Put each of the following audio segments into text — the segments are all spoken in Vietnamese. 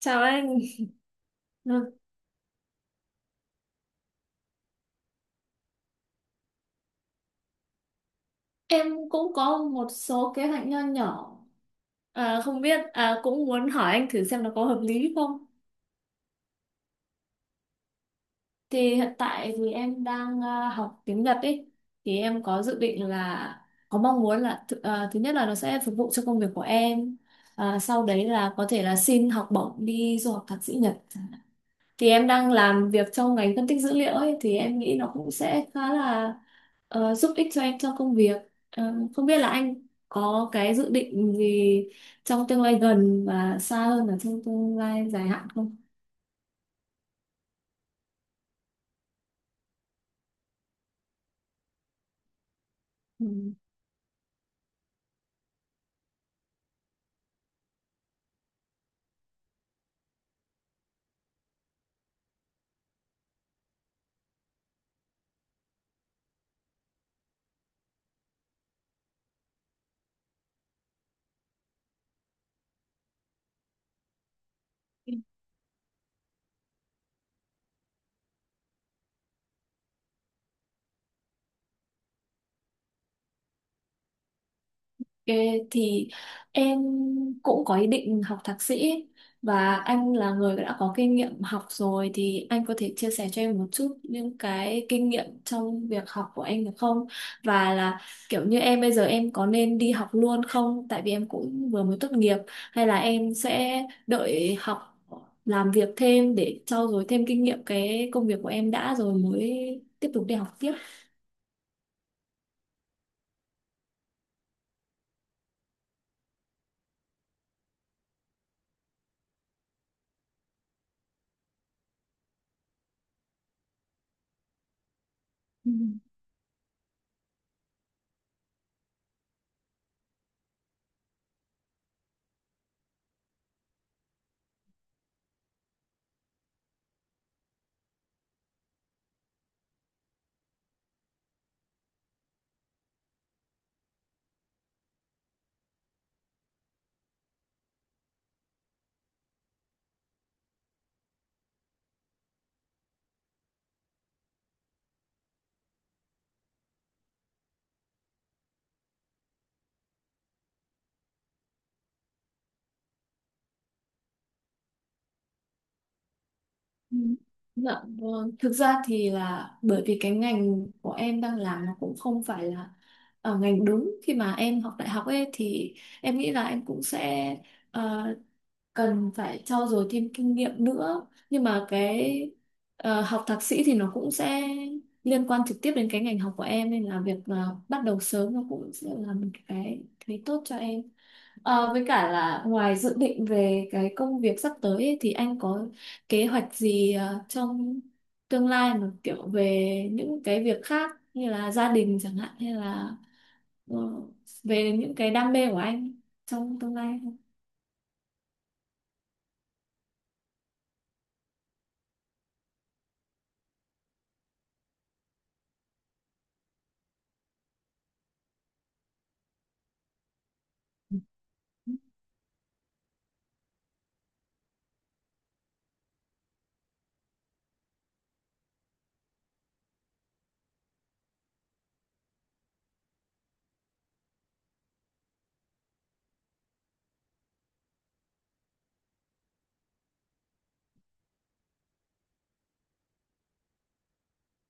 Chào anh. Ừ, em cũng có một số kế hoạch nho nhỏ, không biết cũng muốn hỏi anh thử xem nó có hợp lý không. Hiện tại thì em đang học tiếng Nhật ấy, thì em có dự định là có mong muốn là thứ nhất là nó sẽ phục vụ cho công việc của em, sau đấy là có thể là xin học bổng đi du học thạc sĩ Nhật. Thì em đang làm việc trong ngành phân tích dữ liệu ấy thì em nghĩ nó cũng sẽ khá là giúp ích cho em trong công việc. Không biết là anh có cái dự định gì trong tương lai gần và xa hơn là trong tương lai dài hạn không? Ừ. Ê, thì em cũng có ý định học thạc sĩ và anh là người đã có kinh nghiệm học rồi thì anh có thể chia sẻ cho em một chút những cái kinh nghiệm trong việc học của anh được không? Và là kiểu như em bây giờ em có nên đi học luôn không? Tại vì em cũng vừa mới tốt nghiệp hay là em sẽ đợi học làm việc thêm để trau dồi thêm kinh nghiệm cái công việc của em đã rồi mới tiếp tục đi học tiếp. Ừ. Ừ. Dạ vâng. Thực ra thì là bởi vì cái ngành của em đang làm nó cũng không phải là ngành đúng khi mà em học đại học ấy, thì em nghĩ là em cũng sẽ ờ, cần phải trau dồi thêm kinh nghiệm nữa, nhưng mà cái học thạc sĩ thì nó cũng sẽ liên quan trực tiếp đến cái ngành học của em, nên là việc bắt đầu sớm nó cũng sẽ là một cái thấy tốt cho em. Với cả là ngoài dự định về cái công việc sắp tới ấy, thì anh có kế hoạch gì trong tương lai mà kiểu về những cái việc khác như là gia đình chẳng hạn hay là ờ, về những cái đam mê của anh trong tương lai không?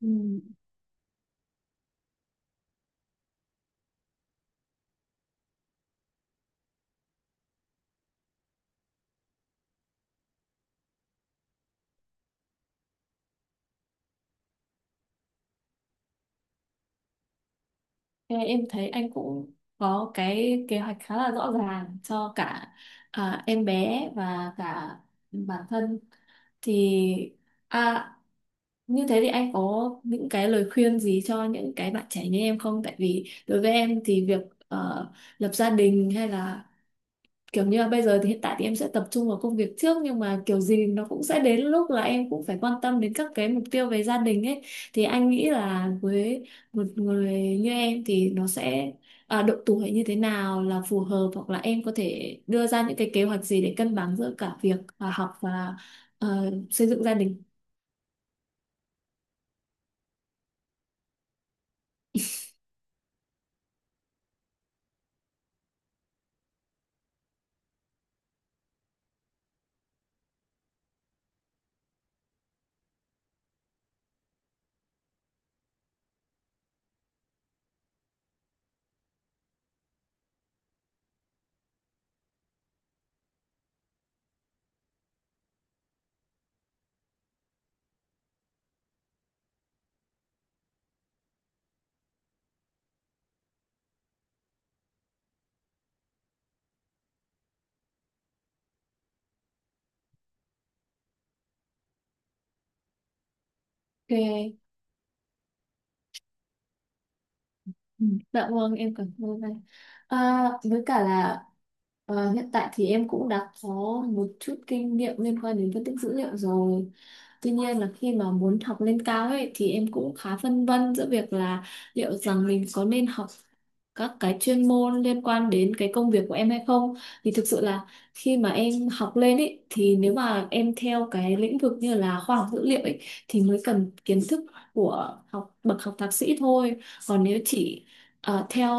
Ừ. Thế em thấy anh cũng có cái kế hoạch khá là rõ ràng cho cả em bé và cả bản thân, thì à, như thế thì anh có những cái lời khuyên gì cho những cái bạn trẻ như em không? Tại vì đối với em thì việc ờ, lập gia đình hay là kiểu như là bây giờ thì hiện tại thì em sẽ tập trung vào công việc trước, nhưng mà kiểu gì nó cũng sẽ đến lúc là em cũng phải quan tâm đến các cái mục tiêu về gia đình ấy. Thì anh nghĩ là với một người như em thì nó sẽ độ tuổi như thế nào là phù hợp, hoặc là em có thể đưa ra những cái kế hoạch gì để cân bằng giữa cả việc học và xây dựng gia đình. Ok. Ừ, dạ vâng em cảm ơn anh. Với cả là hiện tại thì em cũng đã có một chút kinh nghiệm liên quan đến phân tích dữ liệu rồi, tuy nhiên là khi mà muốn học lên cao ấy thì em cũng khá phân vân giữa việc là liệu rằng mình có nên học các cái chuyên môn liên quan đến cái công việc của em hay không. Thì thực sự là khi mà em học lên ấy, thì nếu mà em theo cái lĩnh vực như là khoa học dữ liệu ấy thì mới cần kiến thức của học bậc học thạc sĩ thôi, còn nếu chỉ theo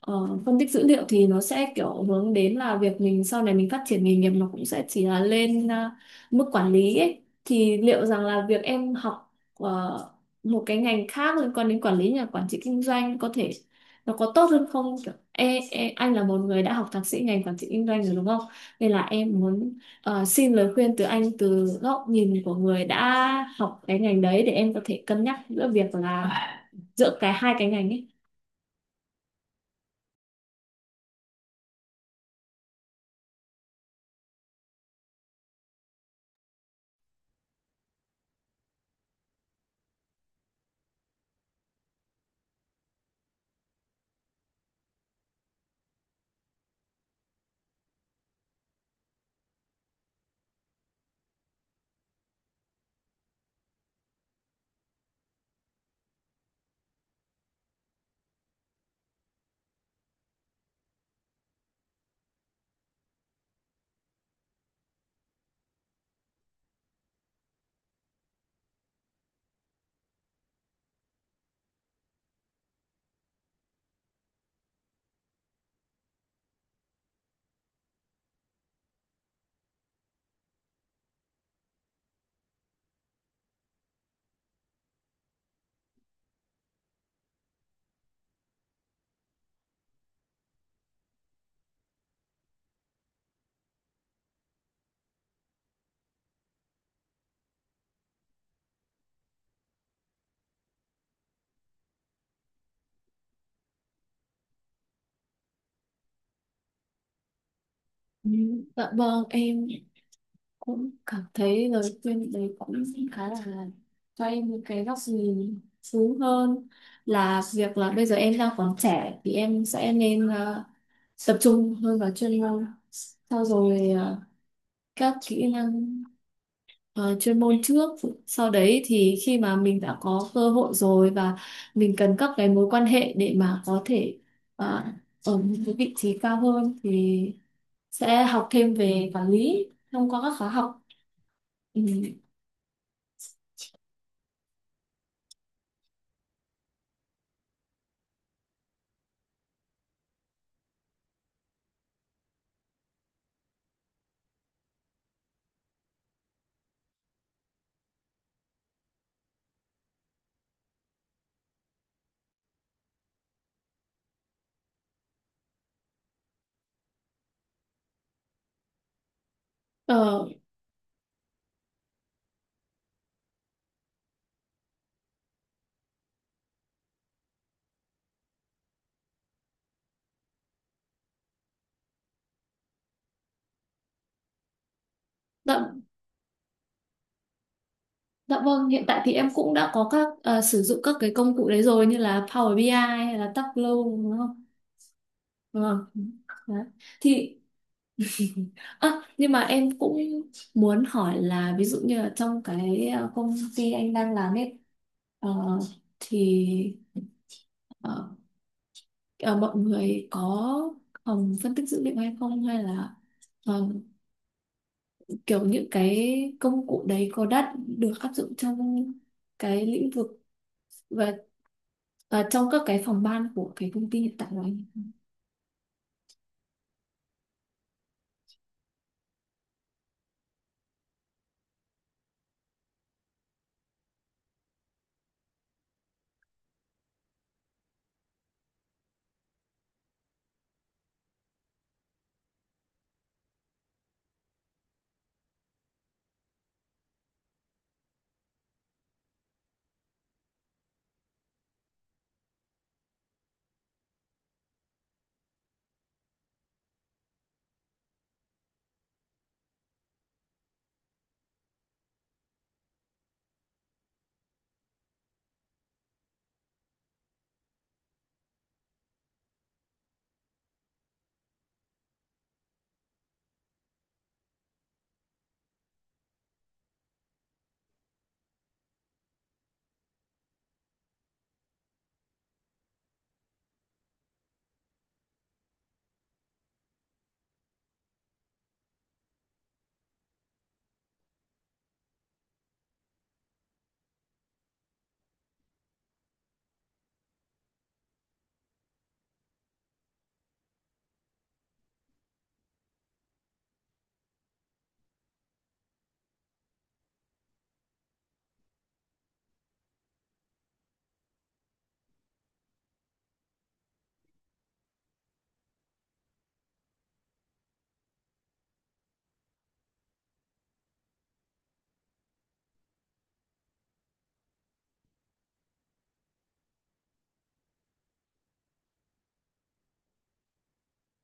ờ, phân tích dữ liệu thì nó sẽ kiểu hướng đến là việc mình sau này mình phát triển nghề nghiệp nó cũng sẽ chỉ là lên mức quản lý ấy. Thì liệu rằng là việc em học một cái ngành khác liên quan đến quản lý nhà quản trị kinh doanh có thể nó có tốt hơn không? Kiểu, e, e, anh là một người đã học thạc sĩ ngành quản trị kinh doanh rồi đúng không? Nên là em muốn xin lời khuyên từ anh, từ góc nhìn của người đã học cái ngành đấy, để em có thể cân nhắc giữa việc là giữa cái hai cái ngành ấy. Ừ, dạ vâng em cũng cảm thấy lời khuyên đấy cũng khá là cho em những cái góc nhìn xuống hơn, là việc là bây giờ em đang còn trẻ thì em sẽ nên tập trung hơn vào chuyên môn, sau rồi các kỹ năng chuyên môn trước, sau đấy thì khi mà mình đã có cơ hội rồi và mình cần các cái mối quan hệ để mà có thể ờ, ở một cái vị trí cao hơn thì sẽ học thêm về quản lý thông qua các khóa học. Ừ. ờ, dạ, dạ vâng, hiện tại thì em cũng đã có các sử dụng các cái công cụ đấy rồi, như là Power BI ai hay là Tableau đúng không. Vâng. Đấy. Thì nhưng mà em cũng muốn hỏi là ví dụ như là trong cái công ty anh đang làm ấy, ờ, thì ờ, ờ, mọi người có phòng phân tích dữ liệu hay không, hay là ờ, kiểu những cái công cụ đấy có đã được áp dụng trong cái lĩnh vực và và trong các cái phòng ban của cái công ty hiện tại của anh.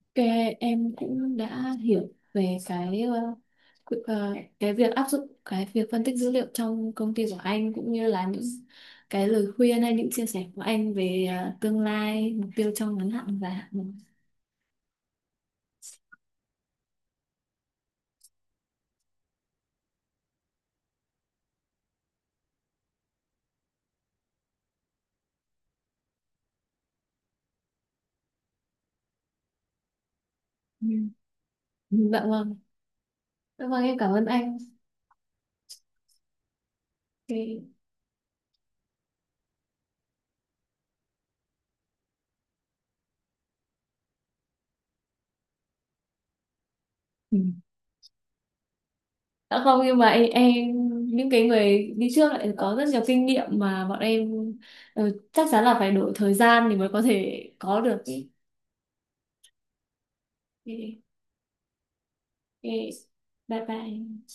Ok, em cũng đã hiểu về cái ờ, cái việc áp dụng cái việc phân tích dữ liệu trong công ty của anh, cũng như là những cái lời khuyên hay những chia sẻ của anh về tương lai mục tiêu trong ngắn hạn và hạn. Ừ. Dạ vâng, dạ vâng em cảm ơn anh. Okay. Ừ. Dạ không, nhưng mà em những cái người đi trước lại có rất nhiều kinh nghiệm mà bọn em ừ, chắc chắn là phải đổi thời gian thì mới có thể có được. Cái Okay. Bye bye.